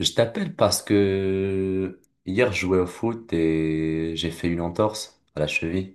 Je t'appelle parce que hier je jouais au foot et j'ai fait une entorse à la cheville.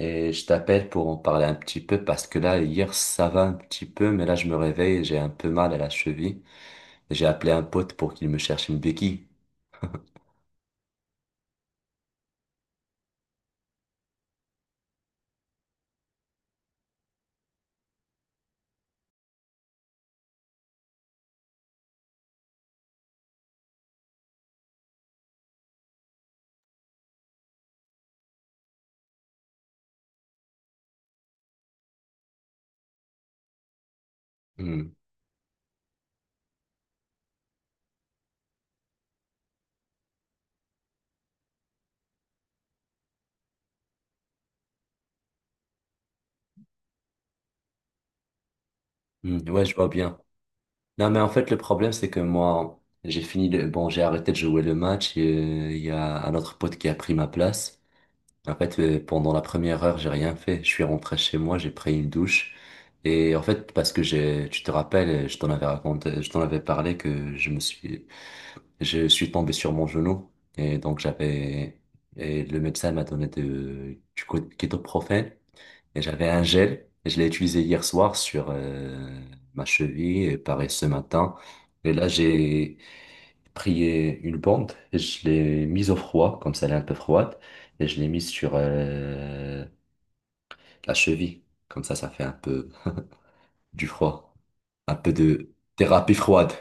Et je t'appelle pour en parler un petit peu parce que là, hier ça va un petit peu, mais là je me réveille et j'ai un peu mal à la cheville. Et j'ai appelé un pote pour qu'il me cherche une béquille. Hmm. Hmm. Ouais, je vois bien. Non, mais en fait, le problème, c'est que moi, j'ai fini le... Bon, j'ai arrêté de jouer le match. Il y a un autre pote qui a pris ma place. En fait, pendant la première heure, j'ai rien fait. Je suis rentré chez moi, j'ai pris une douche. Et en fait, parce que j'ai, tu te rappelles, je t'en avais raconté, je t'en avais parlé que je suis tombé sur mon genou. Et donc, j'avais, et le médecin m'a donné de, kétoprophène. Et j'avais un gel, et je l'ai utilisé hier soir sur ma cheville, et pareil ce matin. Et là, j'ai pris une bande, et je l'ai mise au froid, comme ça elle est un peu froide, et je l'ai mise sur la cheville. Comme ça fait un peu du froid, un peu de thérapie froide.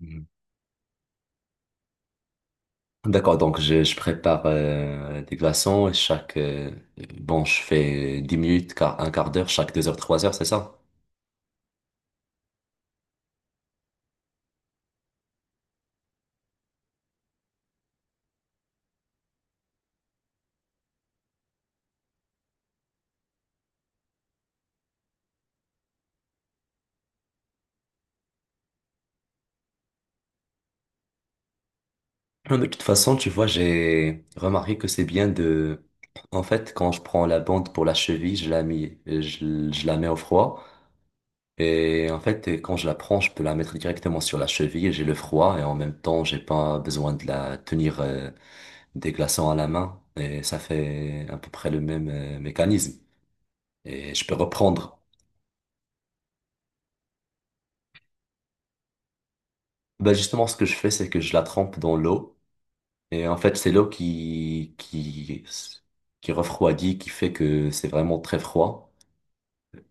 Mhm. D'accord, donc je prépare des glaçons, et bon, je fais 10 minutes, un quart d'heure, chaque 2 heures, 3 heures, c'est ça? Non, de toute façon, tu vois, j'ai remarqué que c'est bien de... En fait, quand je prends la bande pour la cheville, je la mets au froid. Et en fait, quand je la prends, je peux la mettre directement sur la cheville et j'ai le froid. Et en même temps, j'ai pas besoin de la tenir des glaçons à la main. Et ça fait à peu près le même mécanisme. Et je peux reprendre. Bah, justement, ce que je fais, c'est que je la trempe dans l'eau. Et en fait, c'est l'eau qui refroidit, qui fait que c'est vraiment très froid,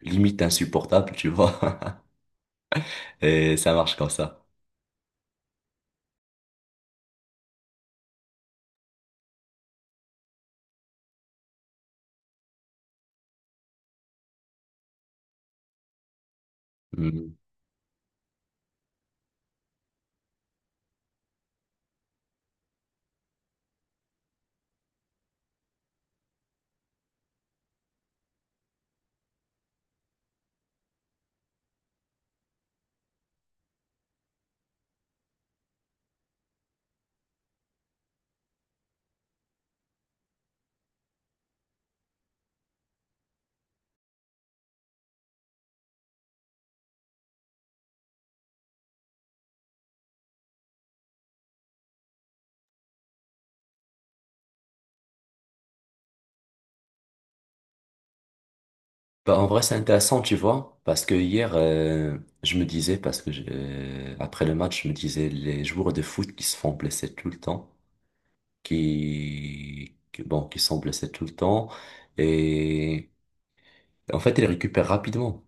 limite insupportable, tu vois. Et ça marche comme ça. Mm. Bah, en vrai, c'est intéressant, tu vois, parce que hier, je me disais, après le match, je me disais, les joueurs de foot qui se font blesser tout le temps, bon, qui sont blessés tout le temps, et en fait, ils récupèrent rapidement.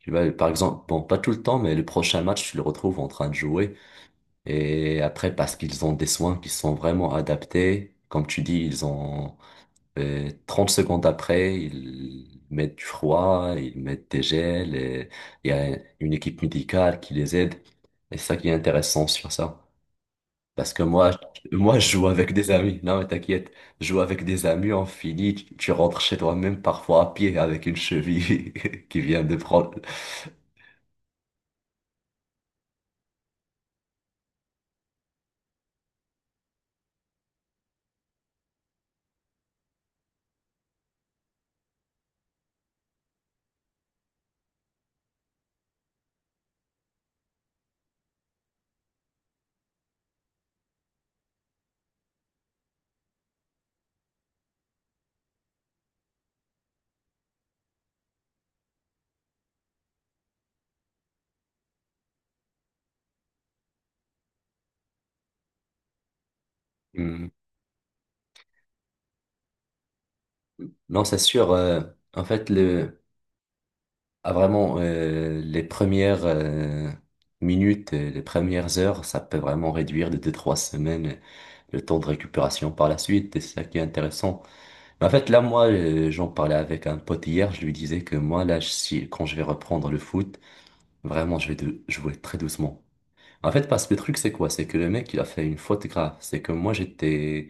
Tu vois, par exemple, bon, pas tout le temps, mais le prochain match, tu le retrouves en train de jouer. Et après, parce qu'ils ont des soins qui sont vraiment adaptés, comme tu dis, ils ont. Et 30 secondes après, ils mettent du froid, ils mettent des gels et il y a une équipe médicale qui les aide. Et c'est ça qui est intéressant sur ça. Parce que moi, je joue avec des amis. Non, mais t'inquiète. Je joue avec des amis, on finit. Tu rentres chez toi même parfois à pied avec une cheville qui vient de prendre. Hmm. Non, c'est sûr. En fait, le, Ah, vraiment, les premières minutes, et les premières heures, ça peut vraiment réduire de deux-trois semaines le temps de récupération par la suite, et c'est ça qui est intéressant. Mais en fait, là, moi, j'en parlais avec un pote hier, je lui disais que moi, là, si, quand je vais reprendre le foot, vraiment, je vais jouer très doucement. En fait, parce que le truc, c'est quoi? C'est que le mec, il a fait une faute grave. C'est que moi, j'étais,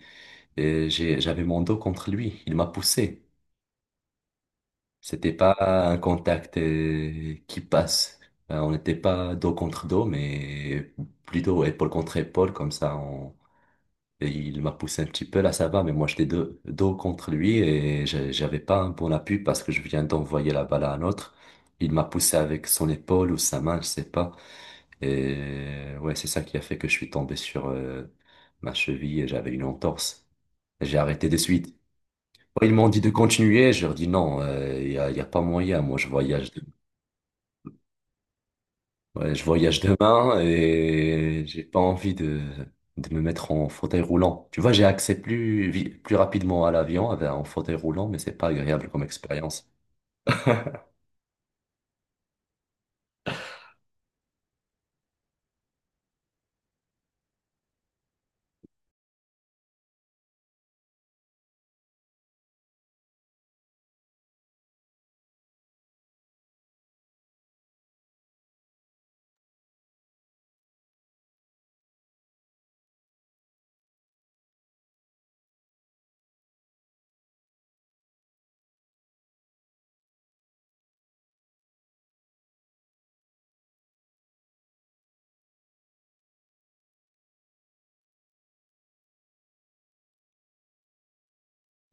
j'avais mon dos contre lui, il m'a poussé. C'était pas un contact qui passe. On n'était pas dos contre dos, mais plutôt épaule contre épaule, comme ça. On... et il m'a poussé un petit peu, là ça va, mais moi j'étais dos contre lui et j'avais pas un bon appui parce que je viens d'envoyer la balle à un autre. Il m'a poussé avec son épaule ou sa main, je sais pas. Et ouais, c'est ça qui a fait que je suis tombé sur ma cheville et j'avais une entorse. J'ai arrêté de suite. Ils m'ont dit de continuer, je leur dis non, il n'y a, y a pas moyen, moi je voyage. Ouais, je voyage demain et j'ai pas envie de me mettre en fauteuil roulant. Tu vois, j'ai accès plus, vi- plus rapidement à l'avion avec en fauteuil roulant, mais c'est pas agréable comme expérience.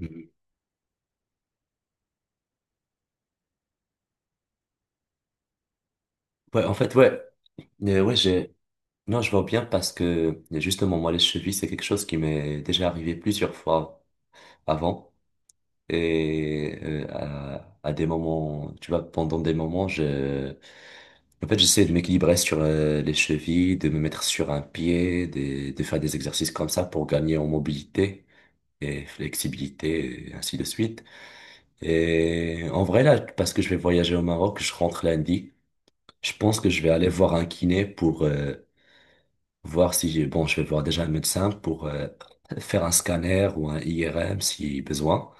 Mhm. Ouais, en fait, ouais, ouais, j'ai, non, je vois bien parce que justement, moi, les chevilles, c'est quelque chose qui m'est déjà arrivé plusieurs fois avant. Et à des moments, tu vois, pendant des moments, je, en fait, j'essaie de m'équilibrer sur les chevilles, de me mettre sur un pied, de faire des exercices comme ça pour gagner en mobilité et flexibilité, et ainsi de suite. Et en vrai, là, parce que je vais voyager au Maroc, je rentre lundi. Je pense que je vais aller voir un kiné pour voir si j'ai... Bon, je vais voir déjà un médecin pour faire un scanner ou un IRM si besoin.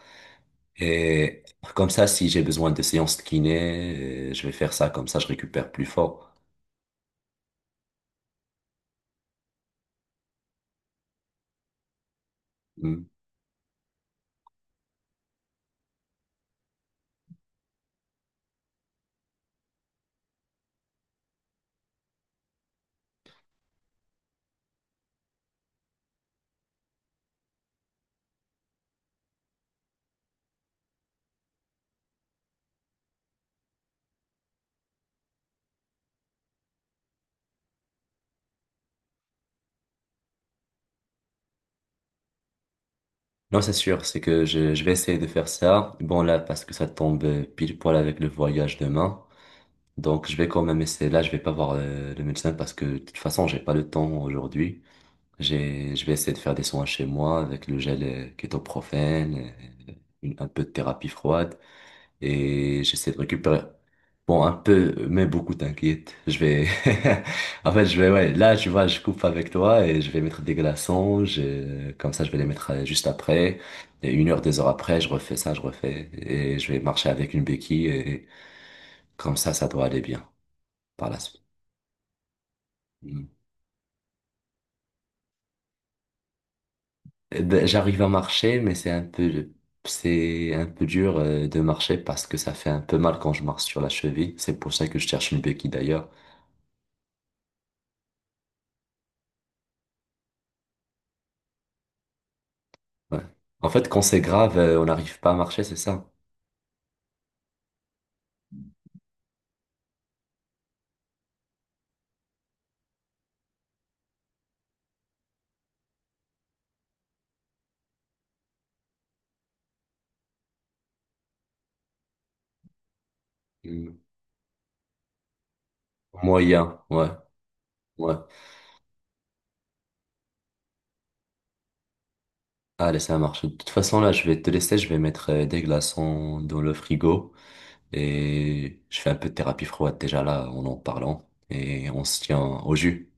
Et comme ça, si j'ai besoin de séances de kiné, je vais faire ça, comme ça je récupère plus fort. Hmm. Non, c'est sûr, c'est que je vais essayer de faire ça. Bon, là, parce que ça tombe pile poil avec le voyage demain. Donc, je vais quand même essayer. Là, je vais pas voir le médecin parce que de toute façon, j'ai pas le temps aujourd'hui. J'ai, je vais essayer de faire des soins chez moi avec le gel kétoprophène, euh, un peu de thérapie froide, et j'essaie de récupérer. Bon, un peu, mais beaucoup, t'inquiète. Je vais, en fait, je vais, ouais, là, tu vois, je coupe avec toi et je vais mettre des glaçons, comme ça, je vais les mettre juste après. Et une heure, deux heures après, je refais ça, je refais et je vais marcher avec une béquille et comme ça doit aller bien par la suite. Mm. Eh ben, j'arrive à marcher, mais c'est un peu dur de marcher parce que ça fait un peu mal quand je marche sur la cheville. C'est pour ça que je cherche une béquille d'ailleurs. Ouais. En fait, quand c'est grave, on n'arrive pas à marcher, c'est ça? Hmm. Moyen, ouais, ouais. Allez, ça marche. De toute façon, là, je vais te laisser, je vais mettre des glaçons dans le frigo et je fais un peu de thérapie froide déjà là en en parlant et on se tient au jus.